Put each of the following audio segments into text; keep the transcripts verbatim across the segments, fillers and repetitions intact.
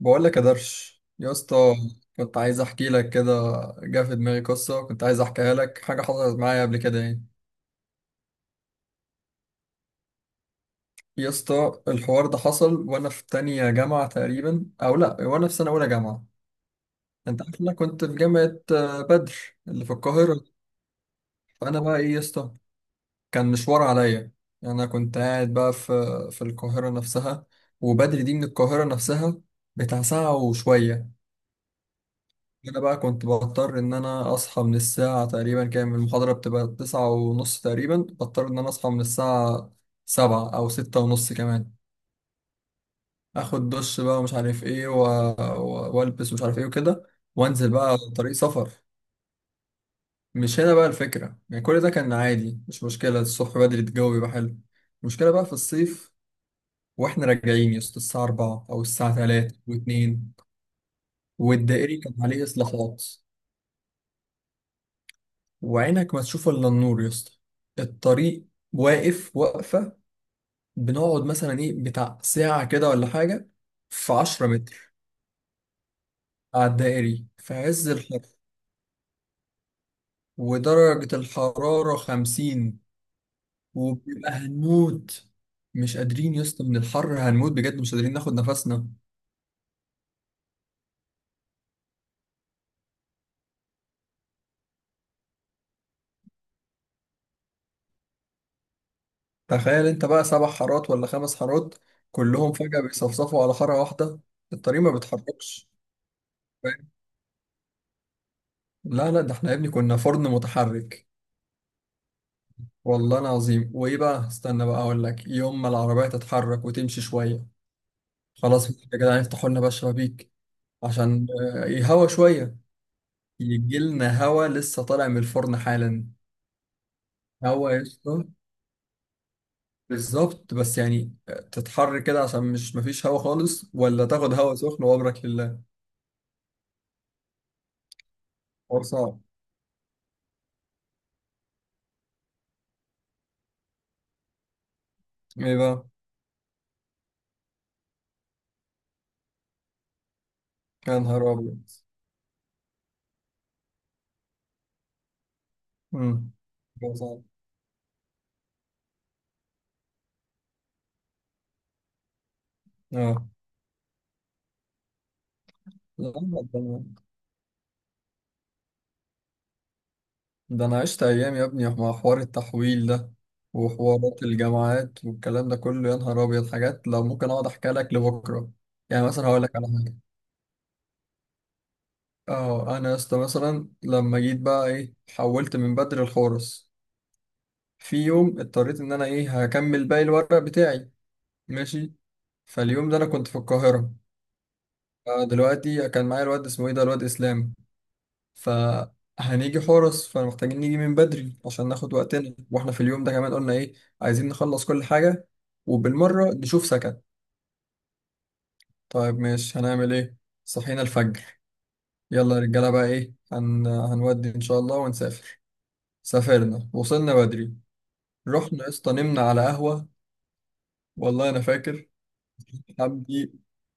بقول لك يا درش يا اسطى مم. كنت عايز احكي لك كده. جه في دماغي قصه كنت عايز احكيها لك، حاجه حصلت معايا قبل كده يعني. يا اسطى الحوار ده حصل وانا في تانية جامعه تقريبا، او لا وانا في سنه اولى جامعه. انت عارف إن انا كنت في جامعه آه، بدر اللي في القاهره. فانا بقى ايه يا اسطى، كان مشوار عليا. يعني انا كنت قاعد بقى في في القاهره نفسها، وبدر دي من القاهره نفسها، بتاع ساعه وشويه. انا بقى كنت بضطر ان انا اصحى من الساعة تقريبا كام، المحاضرة بتبقى تسعة ونص تقريبا، بضطر ان انا اصحى من الساعة سبعة او ستة ونص كمان. اخد دش بقى ومش عارف ايه و... و... والبس ومش عارف ايه وكده، وانزل بقى طريق سفر. مش هنا بقى الفكرة يعني، كل ده كان عادي مش مشكلة، الصبح بدري الجو بيبقى حلو. المشكلة بقى في الصيف، واحنا راجعين يا اسطى الساعة أربعة أو الساعة تلاتة واتنين. والدائري كان عليه إصلاحات، وعينك ما تشوف الا النور يا اسطى. الطريق واقف واقفه، بنقعد مثلا ايه بتاع ساعه كده ولا حاجه في 10 متر، على الدائري في عز الحر ودرجه الحراره خمسين، وبيبقى هنموت. مش قادرين يا اسطى من الحر، هنموت بجد مش قادرين ناخد نفسنا. تخيل انت بقى، سبع حارات ولا خمس حارات كلهم فجاه بيصفصفوا على حاره واحده، الطريق ما بيتحركش. فاهم؟ لا لا ده احنا يا ابني كنا فرن متحرك والله العظيم. وايه بقى، استنى بقى اقول لك، يوم ما العربيه تتحرك وتمشي شويه، خلاص يا جدعان افتحوا لنا بقى الشبابيك عشان آه، يهوى شويه، يجي لنا هوا لسه طالع من الفرن حالا. هوا يا اسطى بالظبط، بس يعني آه، تتحر كده، عشان مش مفيش هوا خالص، ولا تاخد هوا سخن وابرك لله. حوار صعب. ايه بقى. يا نهار ابيض. امم حوار صعب. اه لا، ده انا عشت ايام يا ابني مع حوار التحويل ده، وحوارات الجامعات والكلام ده كله، يا نهار ابيض حاجات لو ممكن اقعد احكي لك لبكره. يعني مثلا هقول لك على حاجه. اه انا يا اسطى مثلا لما جيت بقى ايه، حولت من بدر الحورس. في يوم اضطريت ان انا ايه، هكمل باقي الورق بتاعي، ماشي. فاليوم ده انا كنت في القاهره. آه، دلوقتي كان معايا الواد اسمه ايه ده، الواد اسلام. فهنيجي حورس، فمحتاجين نيجي من بدري عشان ناخد وقتنا، واحنا في اليوم ده كمان قلنا ايه، عايزين نخلص كل حاجة وبالمرة نشوف سكن. طيب ماشي، هنعمل ايه. صحينا الفجر، يلا يا رجالة بقى ايه هن... هنودي ان شاء الله ونسافر. سافرنا وصلنا بدري، رحنا يا اسطى نمنا على قهوة. والله انا فاكر، حمدي،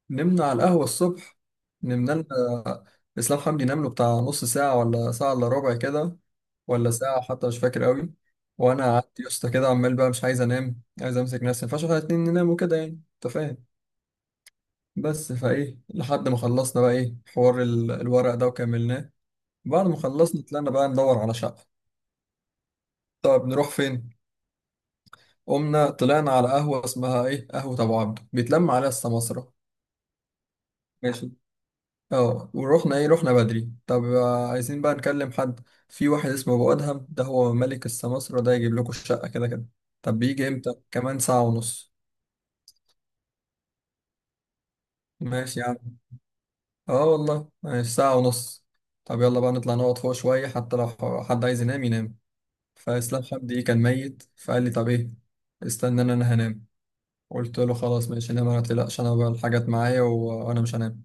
نمنا على القهوة الصبح. نمنا لنا، اسلام حمدي نام له بتاع نص ساعة ولا ساعة الا ربع كده، ولا ساعة حتى مش فاكر قوي. وأنا قعدت يا اسطى كده عمال بقى مش عايز أنام، عايز أمسك نفسي، ما ينفعش إحنا الاتنين ننام وكده يعني، أنت فاهم. بس فإيه، لحد ما خلصنا بقى إيه حوار ال- الورق ده وكملناه. بعد ما خلصنا طلعنا بقى ندور على شقة. طب نروح فين؟ قمنا طلعنا على قهوة اسمها إيه، قهوة أبو عبده بيتلم عليها السماسرة، ماشي. اه ورحنا ايه، رحنا بدري. طب آه، عايزين بقى نكلم حد، في واحد اسمه ابو ادهم ده، هو ملك السماسرة، ده يجيب لكم الشقة كده كده. طب بيجي امتى، كمان ساعة ونص. ماشي يا عم، اه والله ماشي ساعة ونص. طب يلا بقى نطلع نقعد فوق شوية، حتى لو ح- حد عايز ينام ينام. فإسلام حمدي كان ميت، فقال لي طب إيه، استناني أنا، أنا هنام. قلت له خلاص ماشي نام ما تقلقش، أنا بقى الحاجات معايا، و- وأنا مش هنام.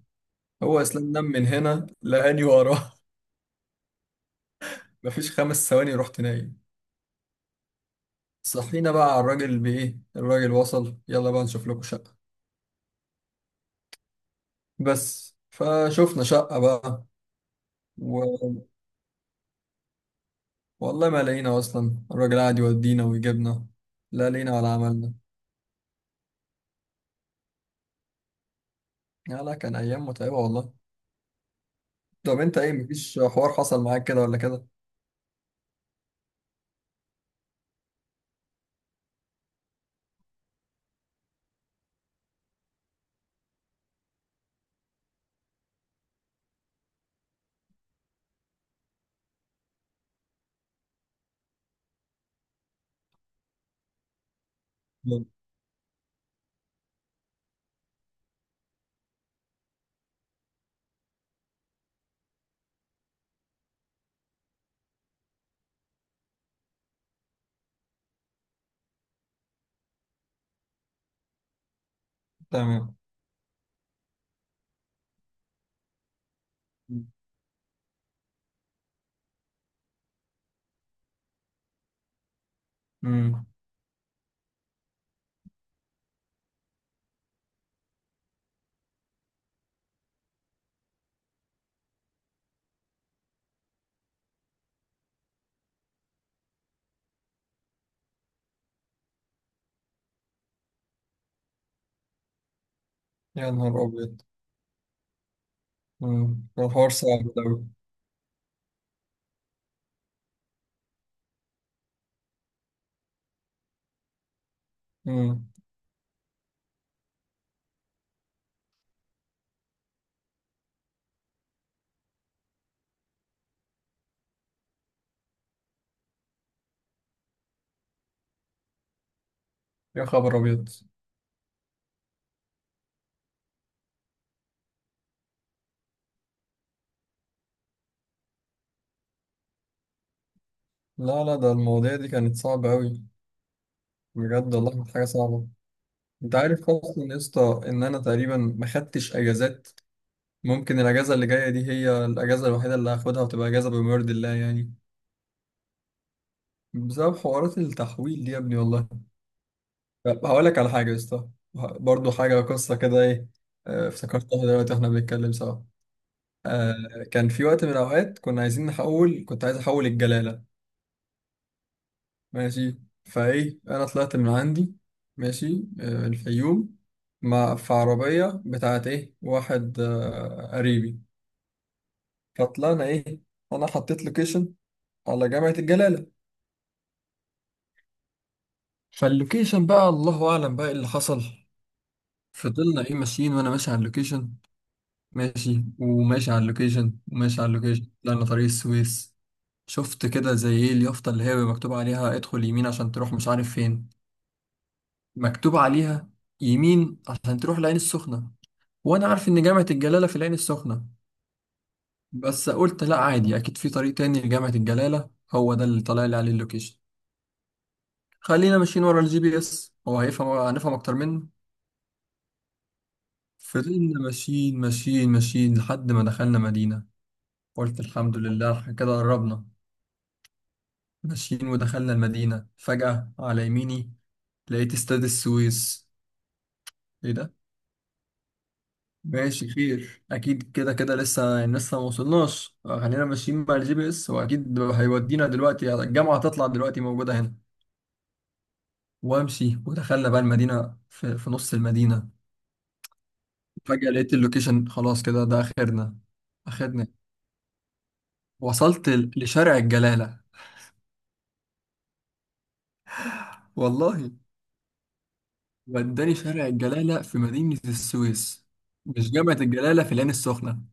هو إسلام نام، من هنا لقاني وراه. مفيش خمس ثواني رحت نايم. صحينا بقى على الراجل بإيه، الراجل وصل، يلا بقى نشوف لكم شقة. بس فشوفنا شقة بقى. والله ما لقينا اصلا، الراجل قاعد يودينا ويجيبنا، لا لقينا ولا عملنا. لا لا كان ايام متعبه والله. طب انت ايه، مفيش حوار حصل معاك كده ولا كده. لا. تمام. امم. يا نهار ابيض. امم ده الحوار صعب قوي. امم. يا خبر ابيض. لا لا ده المواضيع دي كانت صعبه قوي، بجد والله كانت حاجه صعبه. انت عارف اصلا يا اسطى ان انا تقريبا ما خدتش اجازات، ممكن الاجازه اللي جايه دي هي الاجازه الوحيده اللي هاخدها، وتبقى اجازه بما يرضي الله يعني، بسبب حوارات التحويل دي يا ابني والله. طب هقول لك على حاجة يا اسطى، برضه حاجة قصة كده ايه. آه، افتكرتها دلوقتي واحنا بنتكلم سوا. آه، كان في وقت من الأوقات كنا عايزين نحول، كنت عايز أحول الجلالة، ماشي. فايه أنا طلعت من عندي ماشي، آه، الفيوم، مع في عربية بتاعت ايه واحد آه، قريبي. فطلعنا ايه، أنا حطيت لوكيشن على جامعة الجلالة. فاللوكيشن بقى الله أعلم بقى إيه اللي حصل. فضلنا ايه ماشيين، وأنا ماشي على اللوكيشن، ماشي وماشي على اللوكيشن وماشي على اللوكيشن، طلعنا طريق السويس. شفت كده زي ايه اليافطة اللي هي مكتوب عليها، ادخل يمين عشان تروح مش عارف فين، مكتوب عليها يمين عشان تروح العين السخنة، وانا عارف ان جامعة الجلالة في العين السخنة. بس قلت لا عادي، اكيد في طريق تاني لجامعة الجلالة، هو ده اللي طلع لي عليه اللوكيشن. خلينا ماشيين ورا الجي بي اس، هو هيفهم، هنفهم اكتر منه. فضلنا ماشيين ماشيين ماشيين لحد ما دخلنا مدينة، قلت الحمد لله إحنا كده قربنا. ماشيين ودخلنا المدينة، فجأة على يميني لقيت استاد السويس. ايه ده؟ ماشي خير، اكيد كده كده لسه يعني، لسه ما وصلناش. آه، خلينا ماشيين مع الجي بي اس، واكيد هيودينا دلوقتي يعني الجامعة هتطلع دلوقتي موجودة هنا. وامشي، ودخلنا بقى المدينة في, في نص المدينة، فجأة لقيت اللوكيشن، خلاص كده ده اخرنا. اخرنا، وصلت ل- لشارع الجلالة، والله. وداني شارع الجلالة في مدينة السويس، مش جامعة الجلالة في العين السخنة.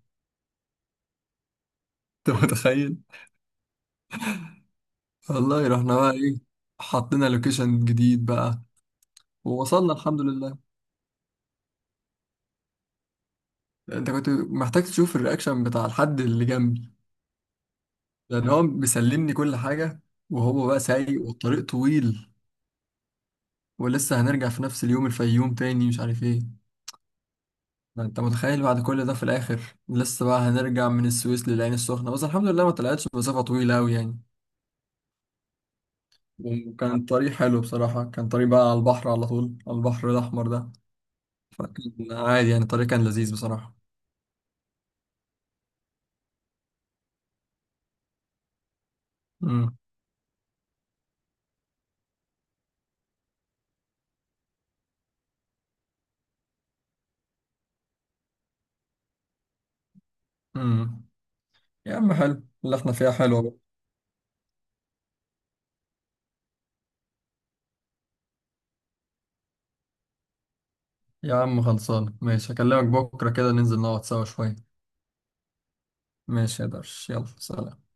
انت متخيل؟ والله رحنا بقى ايه، حطينا لوكيشن جديد بقى، ووصلنا الحمد لله. انت كنت محتاج تشوف الرياكشن بتاع الحد اللي جنبي، لان هو بيسلمني كل حاجه، وهو بقى سايق والطريق طويل، ولسه هنرجع في نفس اليوم الفيوم تاني مش عارف ايه. ما انت متخيل، بعد كل ده في الاخر لسه بقى هنرجع من السويس للعين السخنه، بس الحمد لله ما طلعتش مسافه طويله قوي يعني. وكان الطريق حلو بصراحه، كان طريق بقى على البحر على طول، على البحر الاحمر ده، فكان عادي يعني الطريق كان لذيذ بصراحه. امم. امم. يا عم حلو اللي احنا فيها حلوة بقى. يا عم خلصان ماشي، هكلمك بكرة كده ننزل نقعد سوا شوية. ماشي يا درش، يلا سلام.